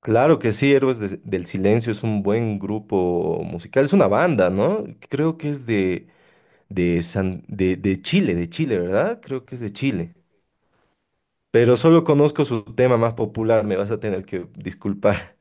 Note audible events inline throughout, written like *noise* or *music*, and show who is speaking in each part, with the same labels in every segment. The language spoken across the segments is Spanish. Speaker 1: Claro que sí, Héroes de- del Silencio es un buen grupo musical, es una banda, ¿no? Creo que es de, San- de Chile, de Chile, ¿verdad? Creo que es de Chile. Pero solo conozco su tema más popular, me vas a tener que disculpar.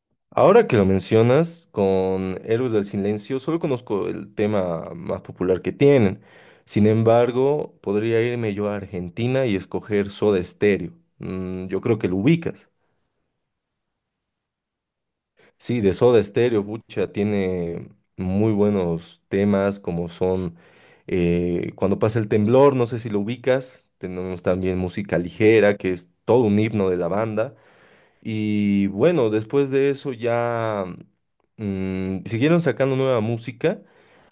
Speaker 1: *laughs* Ahora que lo mencionas, con Héroes del Silencio solo conozco el tema más popular que tienen. Sin embargo, podría irme yo a Argentina y escoger Soda Stereo. Mm, yo creo que lo ubicas. Sí, de Soda Stereo, pucha, tiene muy buenos temas como son Cuando pasa el temblor, no sé si lo ubicas, tenemos también música ligera, que es todo un himno de la banda. Y bueno, después de eso ya siguieron sacando nueva música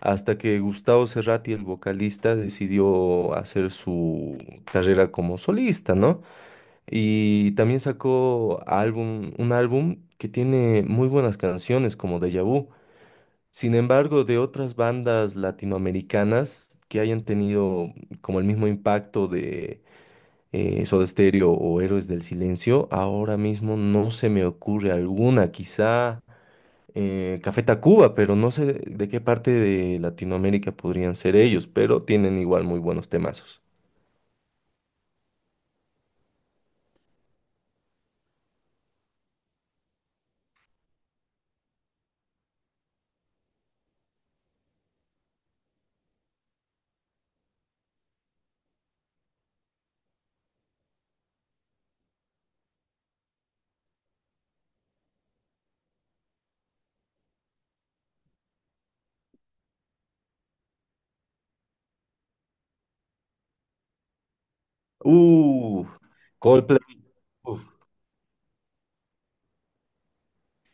Speaker 1: hasta que Gustavo Cerati, el vocalista, decidió hacer su carrera como solista, ¿no? Y también sacó álbum, un álbum que tiene muy buenas canciones como Deja Vu. Sin embargo, de otras bandas latinoamericanas que hayan tenido como el mismo impacto de Soda Stereo o Héroes del Silencio, ahora mismo no se me ocurre alguna. Quizá Café Tacuba, pero no sé de qué parte de Latinoamérica podrían ser ellos, pero tienen igual muy buenos temazos. Uh, Coldplay.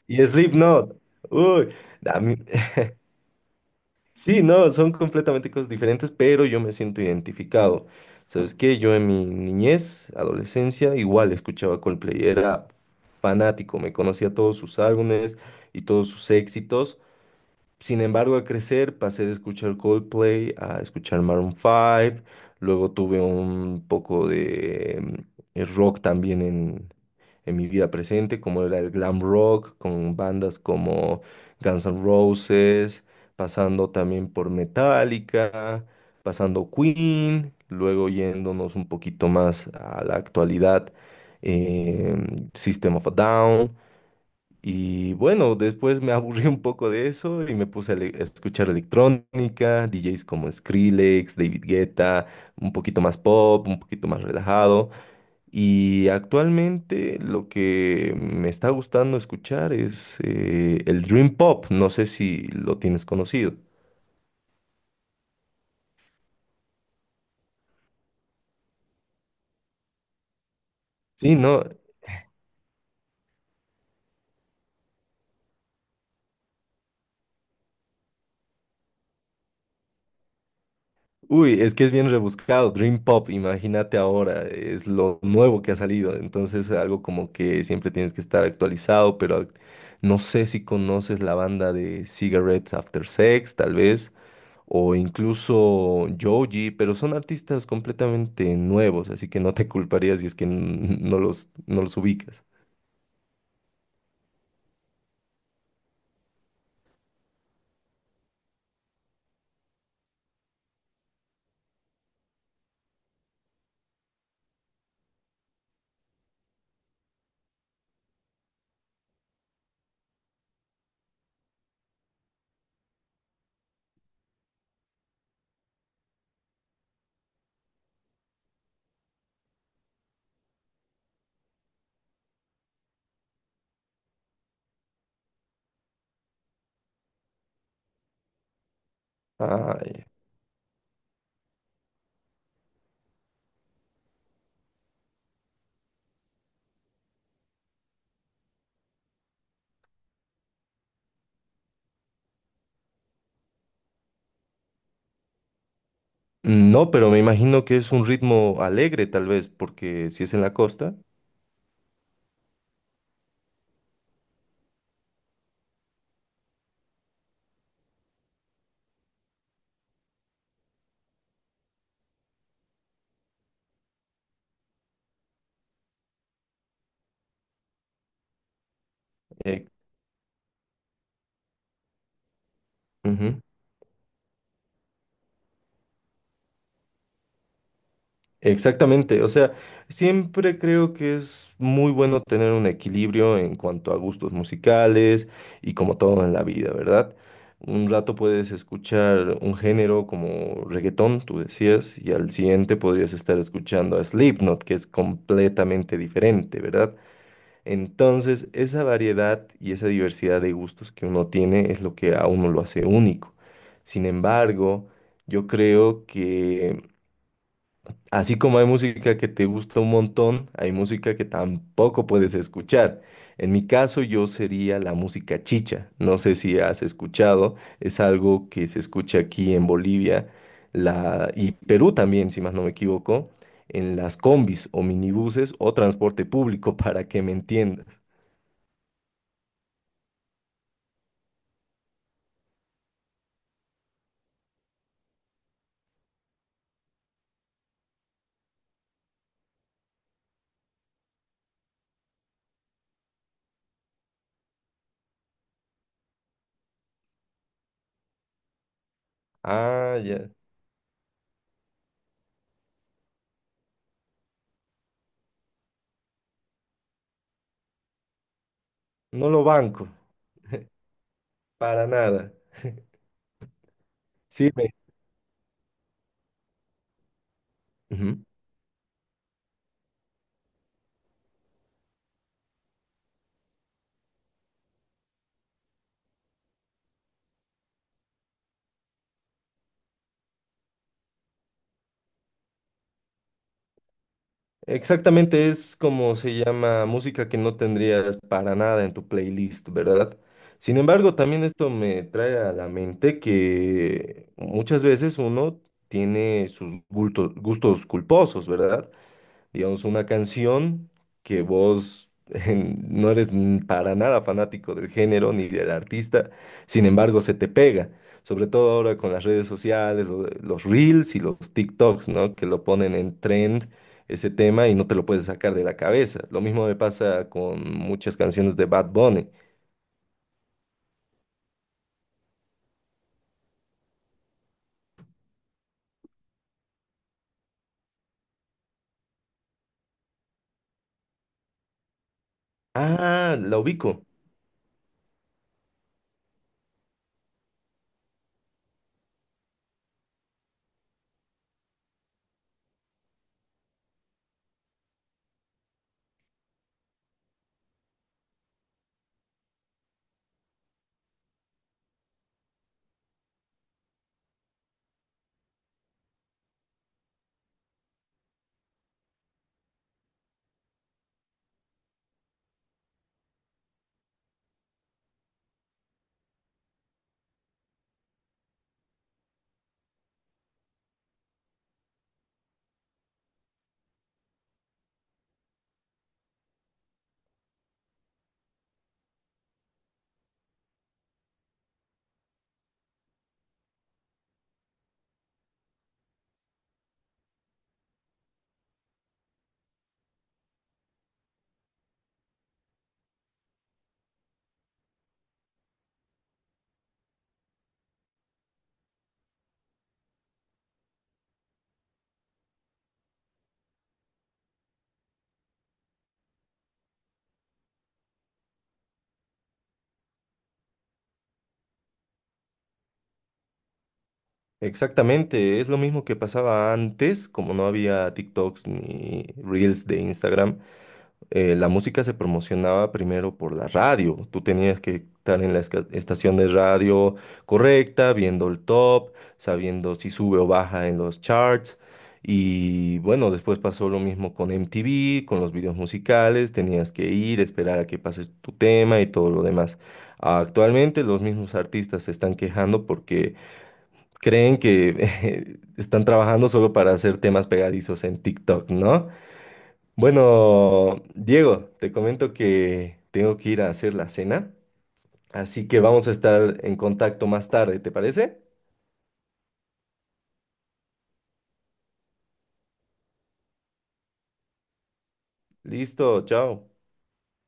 Speaker 1: Y Slipknot. Uy, a mí- *laughs* sí, no, son completamente cosas diferentes, pero yo me siento identificado. ¿Sabes qué? Yo en mi niñez, adolescencia, igual escuchaba Coldplay, era fanático, me conocía todos sus álbumes y todos sus éxitos. Sin embargo, al crecer pasé de escuchar Coldplay a escuchar Maroon 5, luego tuve un poco de rock también en mi vida presente, como era el glam rock, con bandas como Guns N' Roses, pasando también por Metallica, pasando Queen, luego yéndonos un poquito más a la actualidad, eh, System of a Down. Y bueno, después me *laughs* aburrí un poco de eso y me puse a, le- a escuchar electrónica, DJs como Skrillex, David Guetta, un poquito más pop, un poquito más relajado. Y actualmente lo que me está gustando escuchar es el Dream Pop. No sé si lo tienes conocido. Sí, no. Uy, es que es bien rebuscado. Dream Pop, imagínate ahora, es lo nuevo que ha salido. Entonces, algo como que siempre tienes que estar actualizado, pero ac- no sé si conoces la banda de Cigarettes After Sex, tal vez. O incluso Joji, pero son artistas completamente nuevos, así que no te culparía si es que n- no los ubicas. Ay. No, pero me imagino que es un ritmo alegre tal vez, porque si es en la costa. eh, Exactamente, o sea, siempre creo que es muy bueno tener un equilibrio en cuanto a gustos musicales y como todo en la vida, ¿verdad? Un rato puedes escuchar un género como reggaetón, tú decías, y al siguiente podrías estar escuchando a Slipknot, que es completamente diferente, ¿verdad? Entonces, esa variedad y esa diversidad de gustos que uno tiene es lo que a uno lo hace único. Sin embargo, yo creo que así como hay música que te gusta un montón, hay música que tampoco puedes escuchar. En mi caso, yo sería la música chicha. No sé si has escuchado, es algo que se escucha aquí en Bolivia la... y Perú también, si más no me equivoco, en las combis o minibuses o transporte público, *laughs* para que me entiendas. Ah, ya. No lo banco, para nada. Sí, me... Ujú. Exactamente, es como se llama música que no tendrías para nada en tu playlist, ¿verdad? Sin embargo, también esto me trae a la mente que muchas veces uno tiene sus bulto- gustos culposos, ¿verdad? Digamos, una canción que vos *laughs* en- no eres n- para nada fanático del género ni del artista, sin embargo, se te pega, sobre todo ahora con las redes sociales, lo- los reels y los TikToks, ¿no? Que lo ponen en trend ese tema y no te lo puedes sacar de la cabeza. Lo mismo me pasa con muchas canciones de Bad Bunny. Ah, la ubico. Exactamente, es lo mismo que pasaba antes, como no había TikToks ni Reels de Instagram, la música se promocionaba primero por la radio. Tú tenías que estar en la esca- estación de radio correcta, viendo el top, sabiendo si sube o baja en los charts. Y bueno, después pasó lo mismo con MTV, con los videos musicales, tenías que ir, esperar a que pases tu tema y todo lo demás. Actualmente los mismos artistas se están quejando, creen que *laughs* están trabajando solo para hacer temas pegadizos en TikTok, ¿no? Bueno, Diego, te comento que tengo que ir a hacer la cena, así que vamos a estar en contacto más tarde, ¿te parece? Listo, chao.